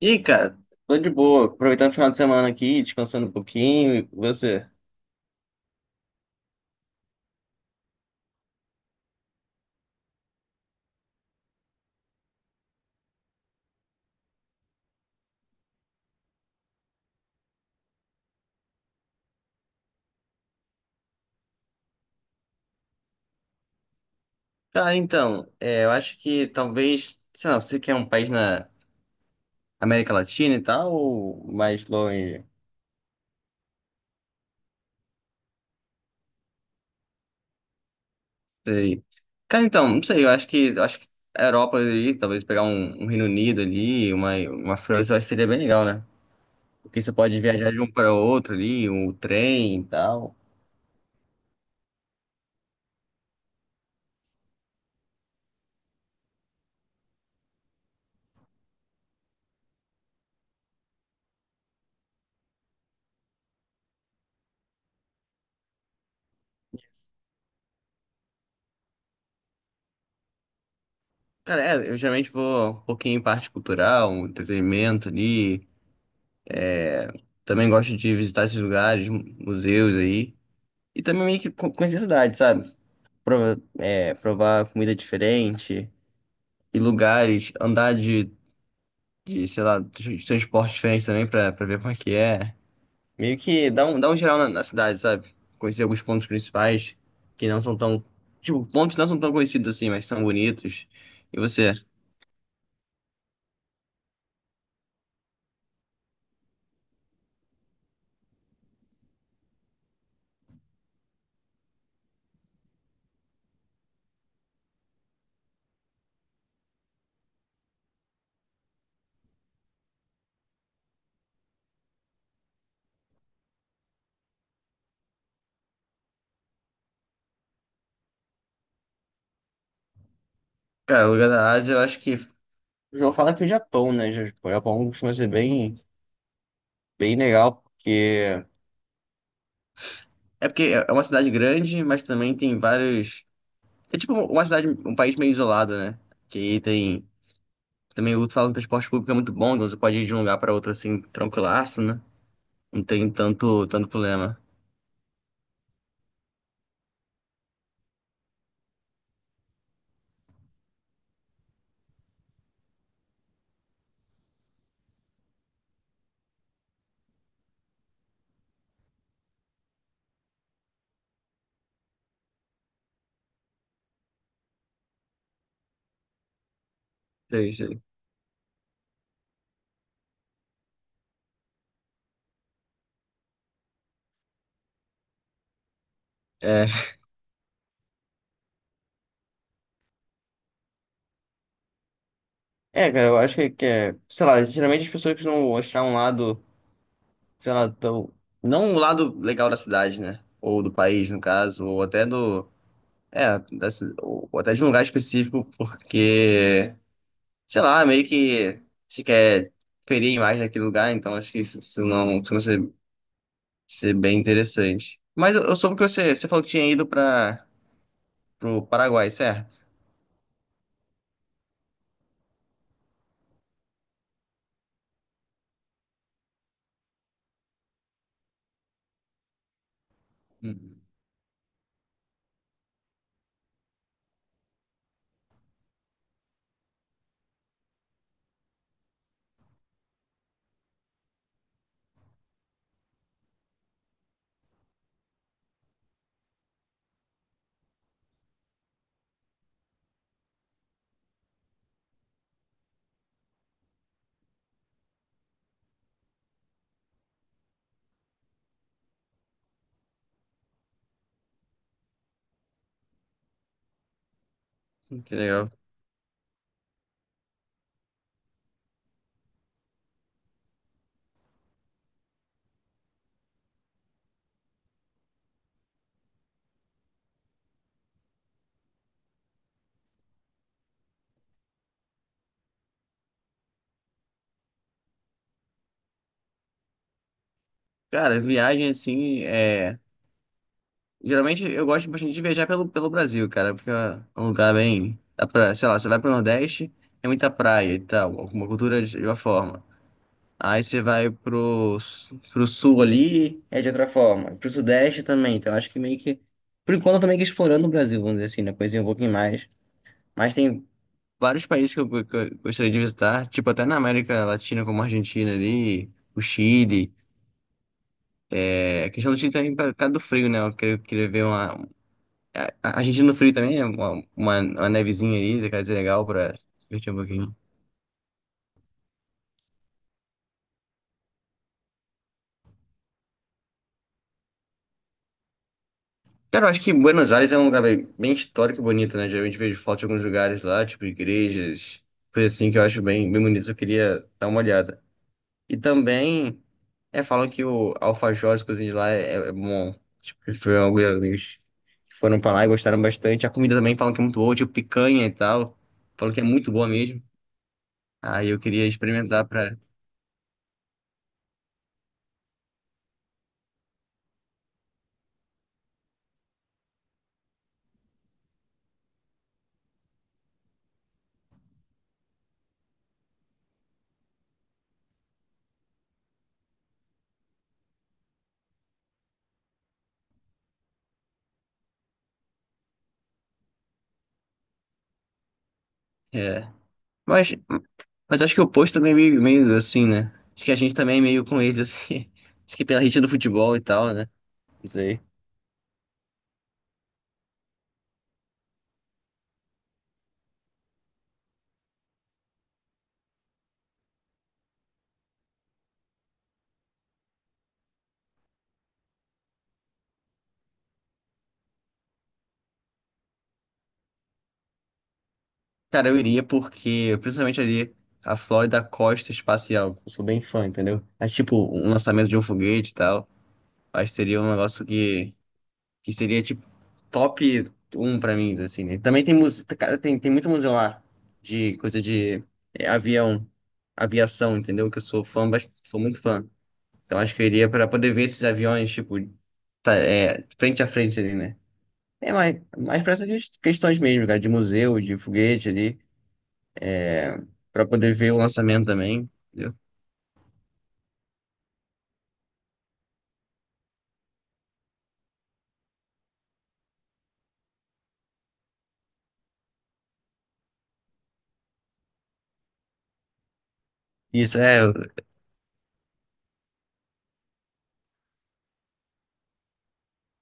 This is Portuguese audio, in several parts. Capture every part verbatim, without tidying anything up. Ih, cara, tô de boa, aproveitando o final de semana aqui, descansando um pouquinho, e você? Cara, então, é, eu acho que talvez, sei lá, você quer um país na América Latina e tal, ou mais longe? Sei. Cara, então, não sei, eu acho que, eu acho que a Europa ali, talvez pegar um, um Reino Unido ali, uma, uma França, eu acho que seria bem legal, né? Porque você pode viajar de um para outro ali, um trem e tal. Cara, é, eu geralmente vou um pouquinho em parte cultural, um entretenimento ali. Também gosto de visitar esses lugares, museus aí. E também meio que co- conhecer a cidade, sabe? Prova- é, provar comida diferente e lugares, andar de, de, sei lá, de transporte diferente também pra, pra ver como é que é. Meio que dá um, dá um geral na, na cidade, sabe? Conhecer alguns pontos principais que não são tão. Tipo, pontos não são tão conhecidos assim, mas são bonitos. E você? Cara, o lugar da Ásia, eu acho que. Eu vou falar que o Japão, né? Ja-, O Japão costuma ser bem, bem legal, porque. É porque é é uma cidade grande, mas também tem vários. É tipo uma cidade, um país meio isolado, né? Que aí tem. Também o fala que o transporte público é muito bom, então você pode ir de um lugar para outro assim, tranquilaço, né? Não tem tanto, tanto problema. Sei, sei. É, é, cara, eu acho que, que é. Sei lá, geralmente as pessoas não achar um lado, sei lá, tão. Não um lado legal da cidade, né? Ou do país, no caso, ou até do. É, da ci- ou até de um lugar específico, porque, sei lá, meio que se quer ferir a imagem daquele lugar, então acho que isso, isso não costuma ser, ser bem interessante. Mas eu, eu soube que você, você falou que tinha ido para pro Paraguai, certo? Hum. Que legal. Cara, viagem assim, é... Geralmente eu gosto bastante de viajar pelo, pelo Brasil, cara, porque é um lugar bem... Dá pra, sei lá, você vai pro Nordeste, é muita praia e tal, alguma cultura de uma forma. Aí você vai pro, su- pro sul ali, é de outra forma. Pro sudeste também. Então acho que meio que. Por enquanto eu tô meio que explorando o Brasil, vamos dizer assim, né? Conheci um pouquinho mais. Mas tem vários países que eu, que eu gostaria de visitar, tipo até na América Latina, como a Argentina ali, o Chile. É, a questão do Chile também por causa do frio, né? Eu queria, queria ver uma. A a Argentina no frio também, né? Uma, uma, uma nevezinha ali, deve ser legal pra se divertir um pouquinho. Cara, eu acho que Buenos Aires é um lugar bem, bem histórico e bonito, né? Geralmente vejo foto de alguns lugares lá, tipo igrejas, coisa assim que eu acho bem, bem bonito. Eu queria dar uma olhada. E também, é, falam que o alfajor, as coisinhas de lá é, é bom. Tipo, foi algo amigos que foram pra lá e gostaram bastante. A comida também falam que é muito boa, tipo picanha e tal. Falam que é muito boa mesmo. Aí eu queria experimentar pra. É. Mas, mas acho que o posto também é meio, meio assim, né? Acho que a gente também é meio com eles, assim. Acho que pela rixa do futebol e tal, né? Isso. Cara, eu iria porque, principalmente ali, a Flórida Costa Espacial. Eu sou bem fã, entendeu? Mas, tipo, um lançamento de um foguete e tal, acho que seria um negócio que, que seria, tipo, top um pra mim, assim, né? Também tem música, cara, tem, tem muito museu lá de coisa de é, avião, aviação, entendeu? Que eu sou fã, bast- sou muito fã. Então, acho que eu iria pra poder ver esses aviões, tipo, tá, é, frente a frente ali, né? É mais, mais pra essas questões mesmo, cara, de museu, de foguete ali. É, pra poder ver o lançamento também. Entendeu? Isso é,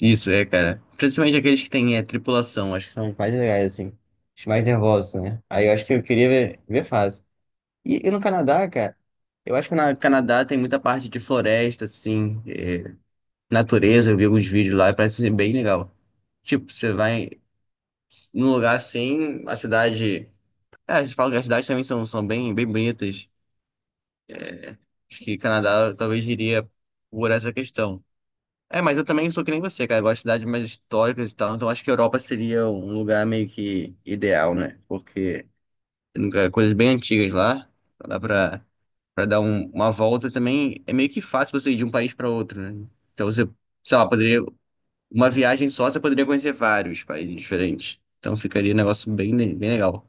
isso é, cara. Principalmente aqueles que têm é, tripulação, acho que são os mais legais, assim. Os mais nervosos, né? Aí eu acho que eu queria ver, ver fácil. E, e no Canadá, cara, eu acho que no Canadá tem muita parte de floresta, assim, é, natureza. Eu vi alguns vídeos lá e parece ser bem legal. Tipo, você vai num lugar assim, a cidade. É, eles falam que as cidades também são, são bem, bem bonitas. Acho que Canadá talvez iria por essa questão. É, mas eu também sou que nem você, cara. Eu gosto de cidades mais históricas e tal. Então acho que a Europa seria um lugar meio que ideal, né? Porque tem lugar- coisas bem antigas lá. Então dá pra, pra dar um- uma volta também. É meio que fácil você ir de um país pra outro, né? Então você, sei lá, poderia. Uma viagem só, você poderia conhecer vários países diferentes. Então ficaria um negócio bem, le- bem legal.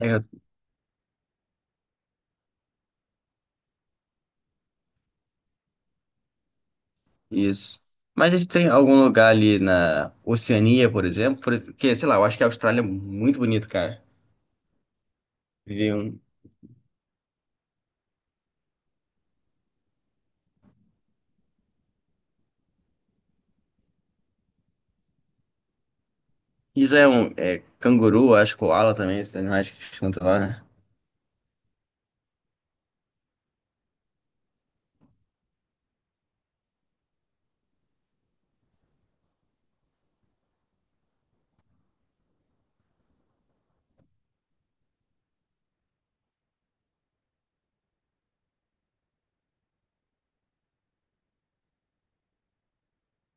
É, isso. Mas se tem algum lugar ali na Oceania, por exemplo, porque, sei lá, eu acho que a Austrália é muito bonito, cara. Viver um. Isso é um é, canguru, acho, koala também, esses animais que cantam lá, né?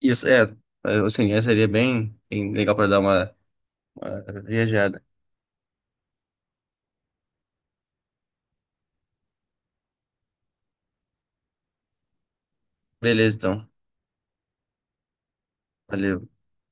Isso é, é, assim, seria bem, bem legal para dar uma, uma viajada. Beleza, então. Valeu.